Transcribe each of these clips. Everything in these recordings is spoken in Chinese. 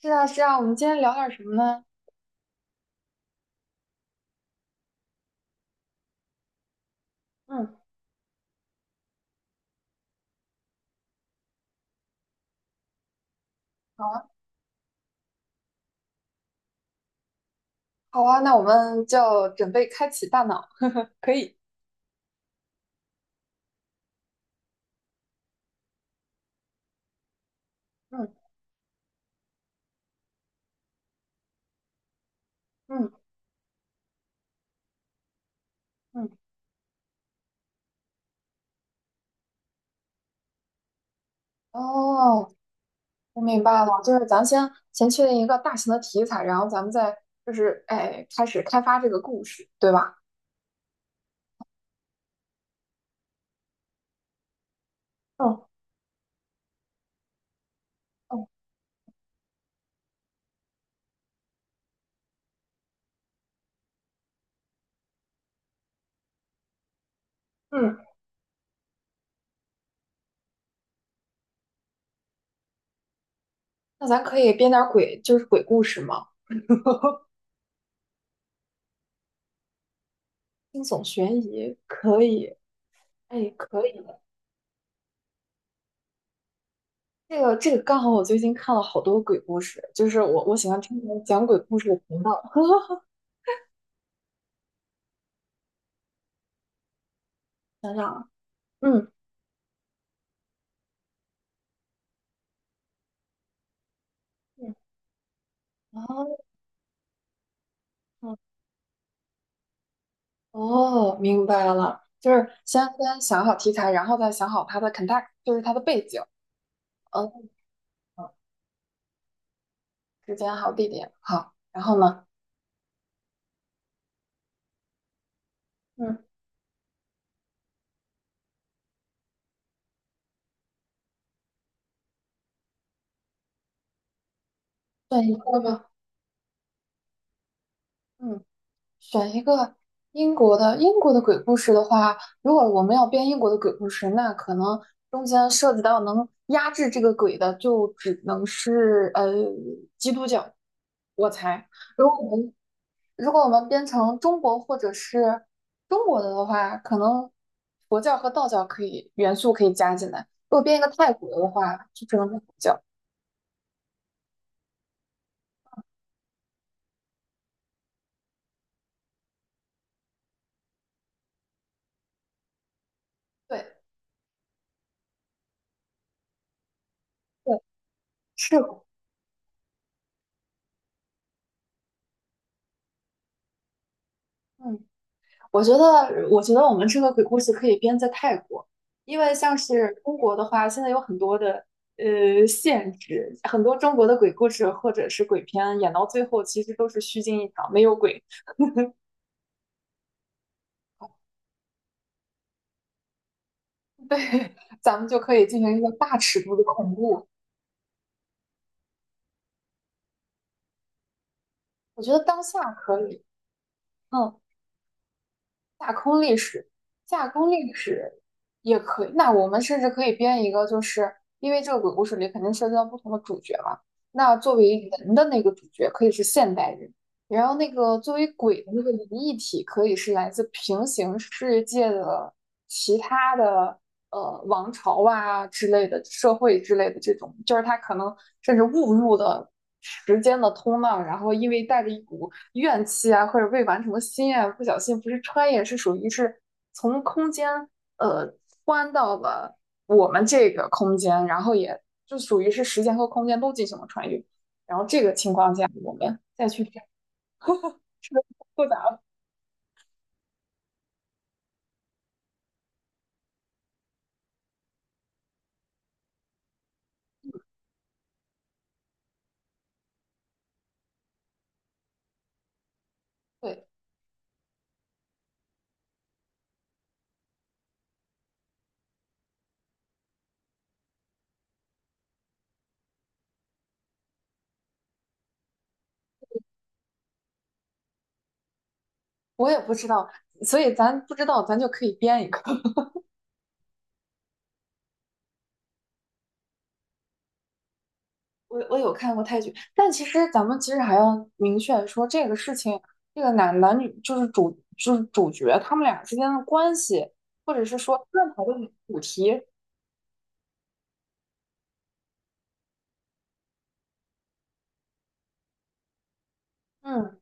是啊，是啊，我们今天聊点什么呢？嗯，好啊，好啊，那我们就准备开启大脑，可以。嗯，嗯，嗯，哦，我明白了，就是咱先确定一个大型的题材，然后咱们再开始开发这个故事，对吧？嗯，哦，嗯，那咱可以编点儿鬼，就是鬼故事吗？惊悚悬疑可以，哎，可以。这个刚好我最近看了好多鬼故事，就是我喜欢听那种讲鬼故事的频道。想想啊，嗯，哦，哦，明白了，就是先想好题材，然后再想好它的 context，就是它的背景，嗯，时间好，地点好，然后呢，嗯，对，你说吧，嗯。选一个英国的，英国的鬼故事的话，如果我们要编英国的鬼故事，那可能中间涉及到能压制这个鬼的，就只能是基督教，我猜。如果我们如果我们编成中国或者是中国的话，可能佛教和道教元素可以加进来。如果编一个泰国的话，就只能是佛教。对，对，是，嗯。我觉得，我觉得我们这个鬼故事可以编在泰国，因为像是中国的话，现在有很多的限制，很多中国的鬼故事或者是鬼片演到最后，其实都是虚惊一场，没有鬼。对，咱们就可以进行一个大尺度的恐怖。我觉得当下可以，嗯，架空历史，架空历史也可以。那我们甚至可以编一个，就是因为这个鬼故事里肯定涉及到不同的主角嘛。那作为人的那个主角可以是现代人，然后那个作为鬼的那个灵异体可以是来自平行世界的其他的王朝啊之类的社会之类的这种，就是他可能甚至误入了时间的通道，然后因为带着一股怨气啊，或者未完成的心愿，不小心不是穿越，是属于是从空间呃穿到了我们这个空间，然后也就属于是时间和空间都进行了穿越。然后这个情况下，我们再去展示，复杂了。对，我也不知道，所以咱不知道，咱就可以编一个。我有看过泰剧，但其实咱们其实还要明确说这个事情，这个男男女就是主就是主角他们俩之间的关系，或者是说任何的主题，嗯，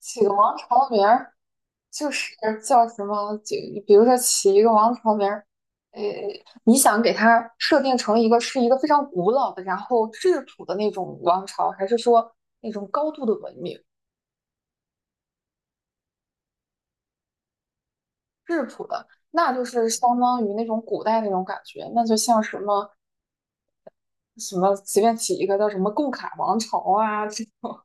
起个王朝名儿，就是叫什么，就比如说起一个王朝名儿，诶，你想给它设定成一个，是一个非常古老的，然后质朴的那种王朝，还是说那种高度的文明，质朴的？那就是相当于那种古代那种感觉，那就像什么，什么随便起一个叫什么“贡卡王朝”啊，这种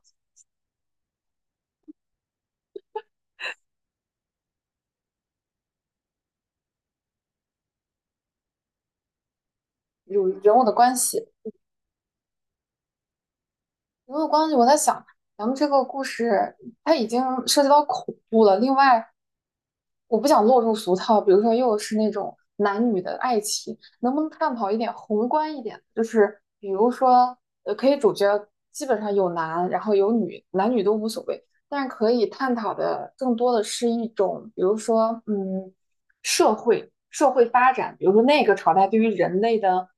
有人物的关系，没有关系，我在想，咱们这个故事它已经涉及到恐怖了。另外，我不想落入俗套，比如说又是那种男女的爱情，能不能探讨一点宏观一点？就是比如说，可以主角基本上有男，然后有女，男女都无所谓，但是可以探讨的更多的是一种，比如说，嗯，社会发展，比如说那个朝代对于人类的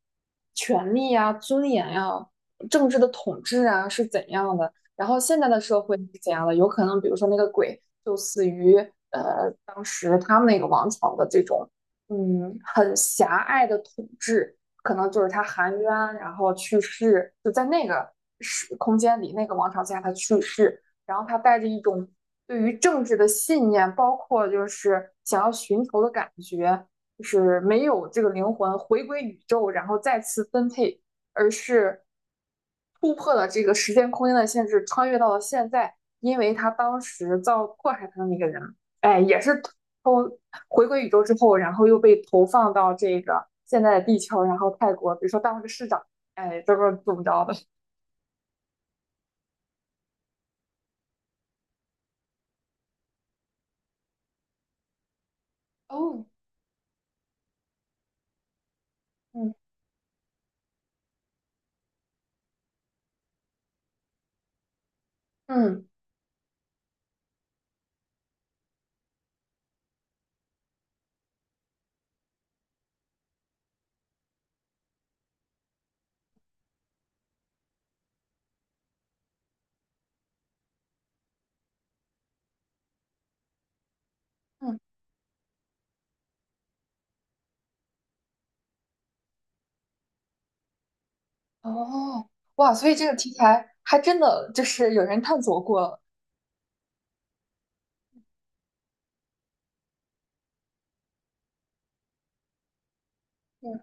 权利呀、尊严呀。政治的统治啊是怎样的，然后现在的社会是怎样的，有可能比如说那个鬼就死于当时他们那个王朝的这种，嗯，很狭隘的统治，可能就是他含冤然后去世，就在那个时空间里那个王朝下他去世，然后他带着一种对于政治的信念，包括就是想要寻求的感觉。就是没有这个灵魂回归宇宙，然后再次分配，而是突破了这个时间空间的限制，穿越到了现在。因为他当时遭迫害他的那个人，哎，也是偷回归宇宙之后，然后又被投放到这个现在的地球，然后泰国，比如说当了个市长，哎，这个怎么着的？哦，嗯，嗯，嗯，哦，哇，所以这个题材还真的就是有人探索过了。嗯。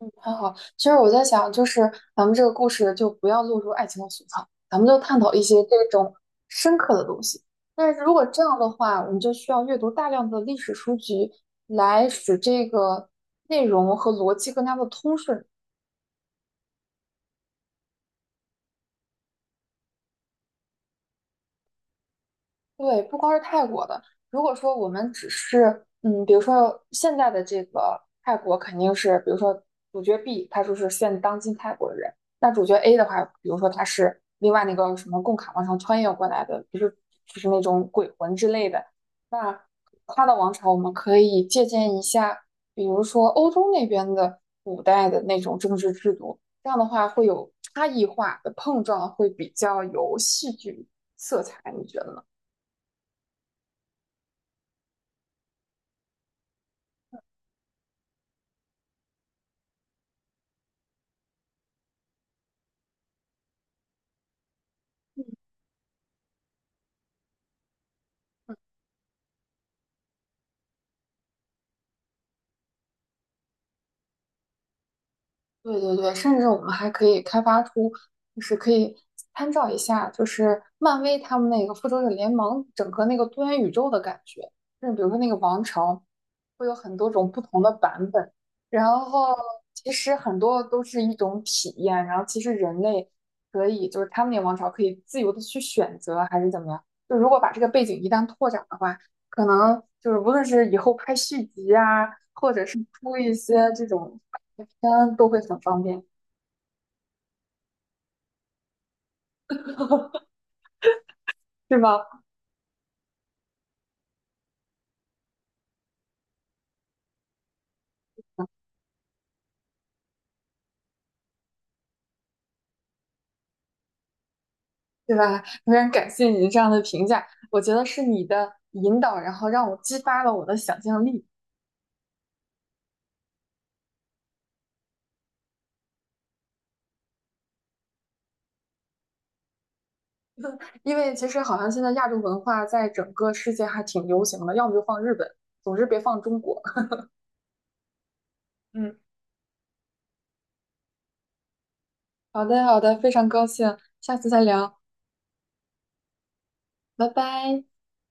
嗯，很好。其实我在想，就是咱们这个故事就不要落入爱情的俗套，咱们就探讨一些这种深刻的东西。但是如果这样的话，我们就需要阅读大量的历史书籍，来使这个内容和逻辑更加的通顺。对，不光是泰国的，如果说我们只是，嗯，比如说现在的这个泰国肯定是，比如说主角 B 他就是现当今泰国人，那主角 A 的话，比如说他是另外那个什么贡卡王朝穿越过来的，就是那种鬼魂之类的，那他的王朝我们可以借鉴一下，比如说欧洲那边的古代的那种政治制度，这样的话会有差异化的碰撞，会比较有戏剧色彩，你觉得呢？嗯，对对对，甚至我们还可以开发出，就是可以参照一下，就是漫威他们那个复仇者联盟整个那个多元宇宙的感觉。就是比如说那个王朝，会有很多种不同的版本，然后其实很多都是一种体验，然后其实人类可以，就是他们那个王朝可以自由的去选择还是怎么样。就如果把这个背景一旦拓展的话，可能就是无论是以后拍续集啊，或者是出一些这种。每天都会很方便，是吧？嗯，对吧？非常感谢你这样的评价，我觉得是你的引导，然后让我激发了我的想象力。因为其实好像现在亚洲文化在整个世界还挺流行的，要么就放日本，总之别放中国。嗯，好的，好的，非常高兴，下次再聊，拜拜。